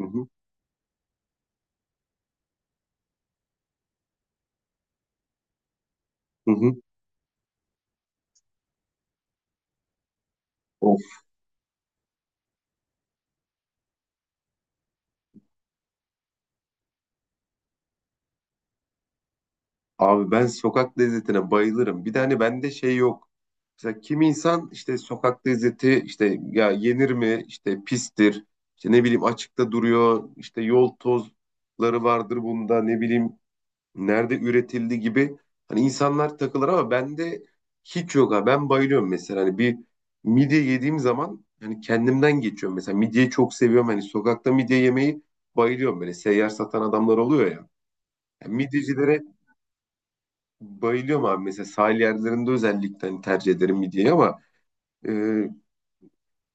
Hı hı, hı hı. Of abi, ben sokak lezzetine bayılırım. Bir de hani bende şey yok. Mesela kim insan işte sokak lezzeti, işte ya yenir mi, işte pistir. İşte ne bileyim, açıkta duruyor, işte yol tozları vardır bunda, ne bileyim nerede üretildi gibi, hani insanlar takılır ama bende hiç yok ha. Ben bayılıyorum mesela, hani bir midye yediğim zaman hani kendimden geçiyorum. Mesela midyeyi çok seviyorum. Hani sokakta midye yemeyi bayılıyorum, böyle seyyar satan adamlar oluyor ya. Yani midyecilere bayılıyorum abi. Mesela sahil yerlerinde özellikle hani tercih ederim midyeyi ama e,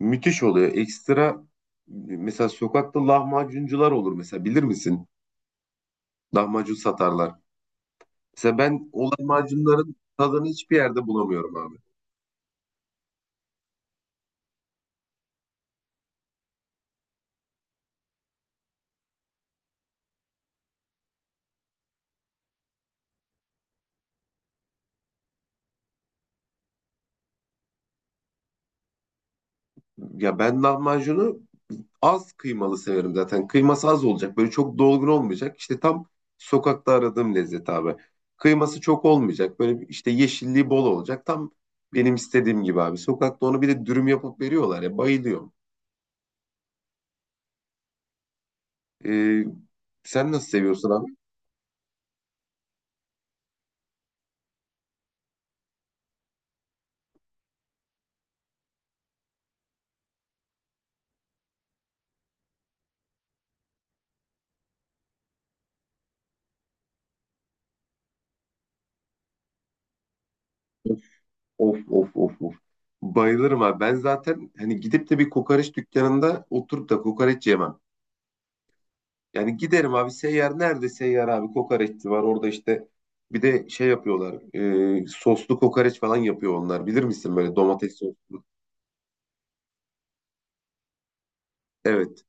müthiş oluyor. Ekstra mesela sokakta lahmacuncular olur, mesela bilir misin? Lahmacun satarlar. Mesela ben o lahmacunların tadını hiçbir yerde bulamıyorum abi. Ya ben lahmacunu az kıymalı severim zaten. Kıyması az olacak. Böyle çok dolgun olmayacak. İşte tam sokakta aradığım lezzet abi. Kıyması çok olmayacak. İşte yeşilliği bol olacak. Tam benim istediğim gibi abi. Sokakta onu bir de dürüm yapıp veriyorlar ya. Bayılıyorum. Ee, Sen nasıl seviyorsun abi? Of of of of. Bayılırım abi. Ben zaten hani gidip de bir kokoreç dükkanında oturup da kokoreç yemem. Yani giderim abi, seyyar nerede seyyar abi kokoreççi var orada, işte bir de şey yapıyorlar, soslu kokoreç falan yapıyor onlar, bilir misin, böyle domates sos. Evet,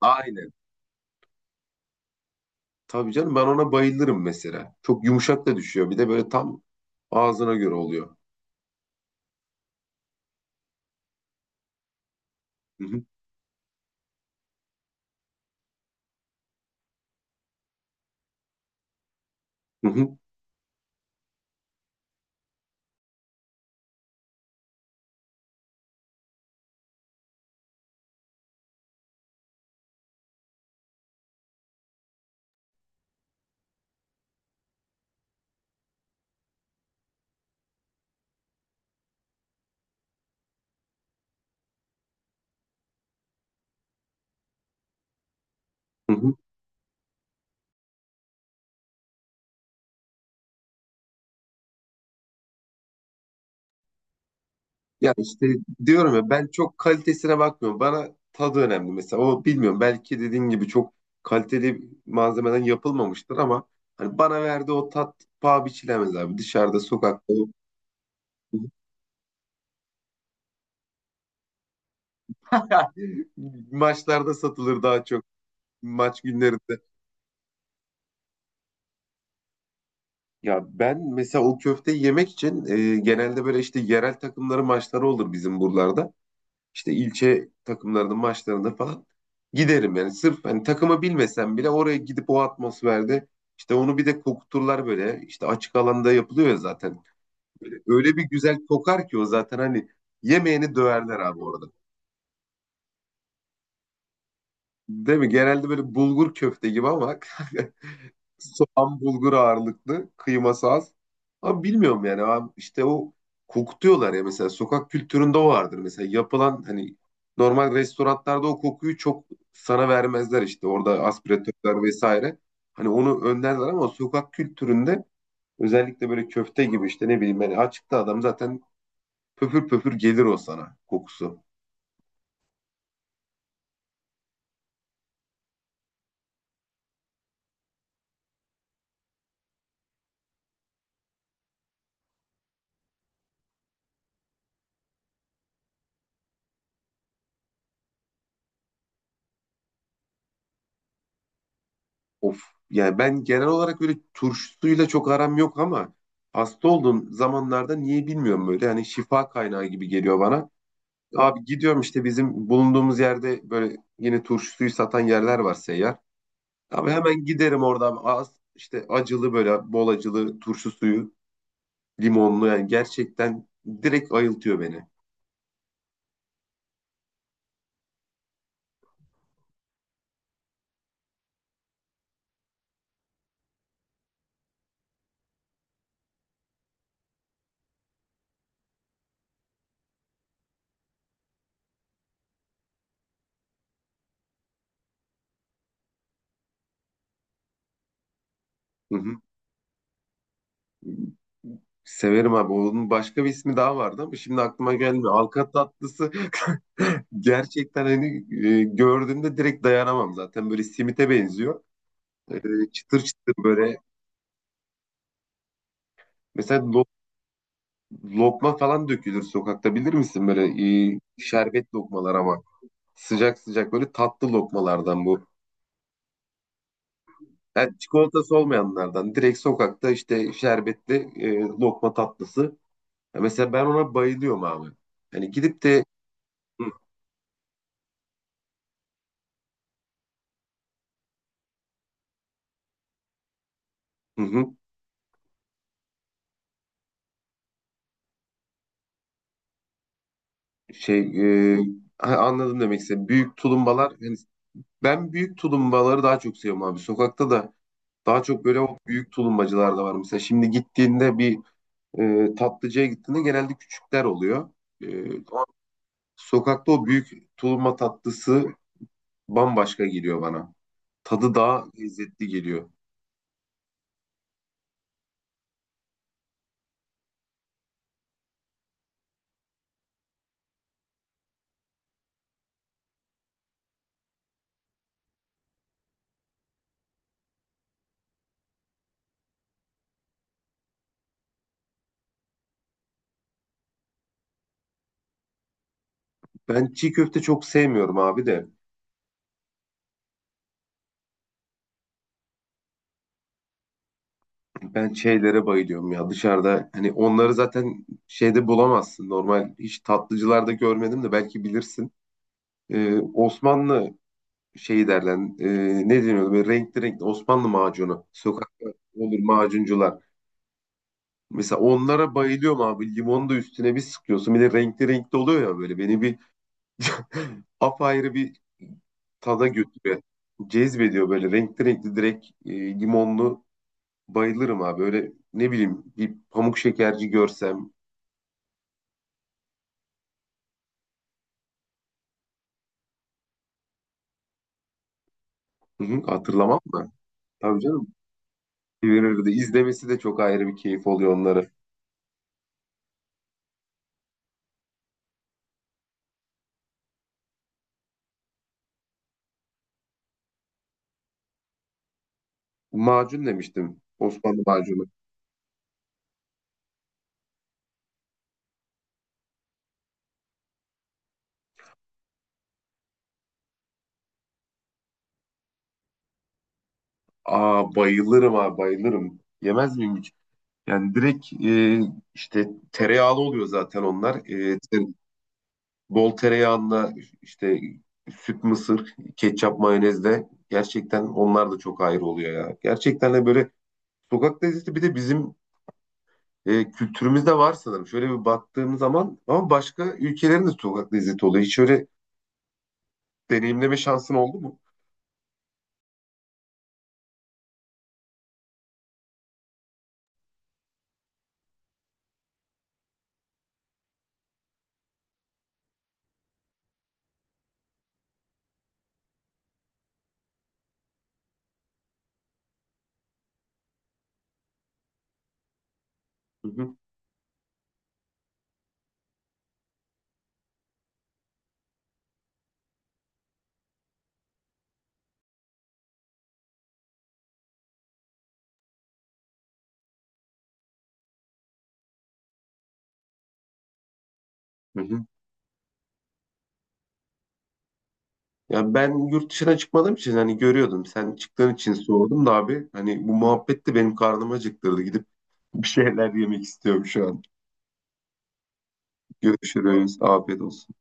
aynen, tabii canım, ben ona bayılırım. Mesela çok yumuşak da düşüyor, bir de böyle tam ağzına göre oluyor. Hı hı, hı hı, hı hı. Ya işte diyorum ya, ben çok kalitesine bakmıyorum, bana tadı önemli. Mesela o bilmiyorum, belki dediğin gibi çok kaliteli malzemeden yapılmamıştır ama hani bana verdiği o tat paha biçilemez abi, dışarıda sokakta. Maçlarda satılır daha çok. Maç günlerinde. Ya ben mesela o köfteyi yemek için genelde böyle işte yerel takımların maçları olur bizim buralarda. İşte ilçe takımlarının maçlarında falan giderim yani. Sırf hani takımı bilmesem bile oraya gidip o atmosferde, işte onu bir de kokuturlar böyle. İşte açık alanda yapılıyor ya zaten. Böyle, öyle bir güzel kokar ki o zaten hani yemeğini döverler abi orada. Değil mi? Genelde böyle bulgur köfte gibi ama. Soğan bulgur ağırlıklı, kıyması az. Ama bilmiyorum yani abi, işte o kokutuyorlar ya, mesela sokak kültüründe o vardır. Mesela yapılan hani normal restoranlarda o kokuyu çok sana vermezler, işte orada aspiratörler vesaire. Hani onu önlerler ama sokak kültüründe özellikle böyle köfte gibi, işte ne bileyim, hani açıkta adam zaten pöpür pöpür gelir o sana kokusu. Of. Yani ben genel olarak böyle turşusuyla çok aram yok ama hasta olduğum zamanlarda niye bilmiyorum, böyle hani şifa kaynağı gibi geliyor bana. Abi gidiyorum, işte bizim bulunduğumuz yerde böyle yine turşusuyu satan yerler var, seyyar. Abi hemen giderim orada abi. Az işte acılı, böyle bol acılı turşu suyu, limonlu, yani gerçekten direkt ayıltıyor beni. Hı hı. Severim abi. Onun başka bir ismi daha vardı ama şimdi aklıma gelmiyor. Halka tatlısı. Gerçekten hani gördüğümde direkt dayanamam zaten. Böyle simite benziyor. E, Çıtır çıtır böyle. Mesela lokma falan dökülür sokakta bilir misin? Böyle şerbet lokmalar ama. Sıcak sıcak böyle tatlı lokmalardan bu. Yani çikolatası olmayanlardan. Direkt sokakta işte şerbetli lokma tatlısı. Ya mesela ben ona bayılıyorum abi. Hani gidip de. Hı hı. Şey e, ha, anladım demek istedim. Büyük tulumbalar. Yani ben büyük tulumbaları daha çok seviyorum abi. Sokakta da daha çok böyle o büyük tulumbacılar da var. Mesela şimdi gittiğinde bir tatlıcıya gittiğinde genelde küçükler oluyor. E, o- Sokakta o büyük tulumba tatlısı bambaşka geliyor bana. Tadı daha lezzetli geliyor. Ben çiğ köfte çok sevmiyorum abi de. Ben şeylere bayılıyorum ya dışarıda. Hani onları zaten şeyde bulamazsın. Normal hiç tatlıcılarda görmedim de belki bilirsin. Osmanlı şeyi derler. Ne deniyordu? Böyle renkli renkli Osmanlı macunu. Sokakta olur macuncular. Mesela onlara bayılıyorum abi. Limonu da üstüne bir sıkıyorsun. Bir de renkli renkli oluyor ya böyle. Beni bir apayrı bir tada götürüyor. Cezbediyor böyle renkli renkli direkt limonlu bayılırım abi. Öyle ne bileyim bir pamuk şekerci görsem. Hı hı, hatırlamam mı? Tabii canım. Verirdi. İzlemesi de çok ayrı bir keyif oluyor onları. Macun demiştim. Osmanlı macunu. Aa, bayılırım abi, bayılırım. Yemez miyim hiç? Yani direkt işte tereyağlı oluyor zaten onlar. Bol tereyağında işte süt mısır, ketçap mayonezle gerçekten onlar da çok ayrı oluyor ya. Gerçekten de böyle sokak lezzeti bir de bizim kültürümüzde var sanırım. Şöyle bir baktığım zaman ama başka ülkelerin de sokak lezzeti oluyor. Hiç öyle deneyimleme şansın oldu mu? Hı hı, hı hı. Ya ben yurt dışına çıkmadığım için hani görüyordum. Sen çıktığın için sordum da abi. Hani bu muhabbet de benim karnımı acıktırdı. Gidip bir şeyler yemek istiyorum şu an. Görüşürüz. Afiyet olsun.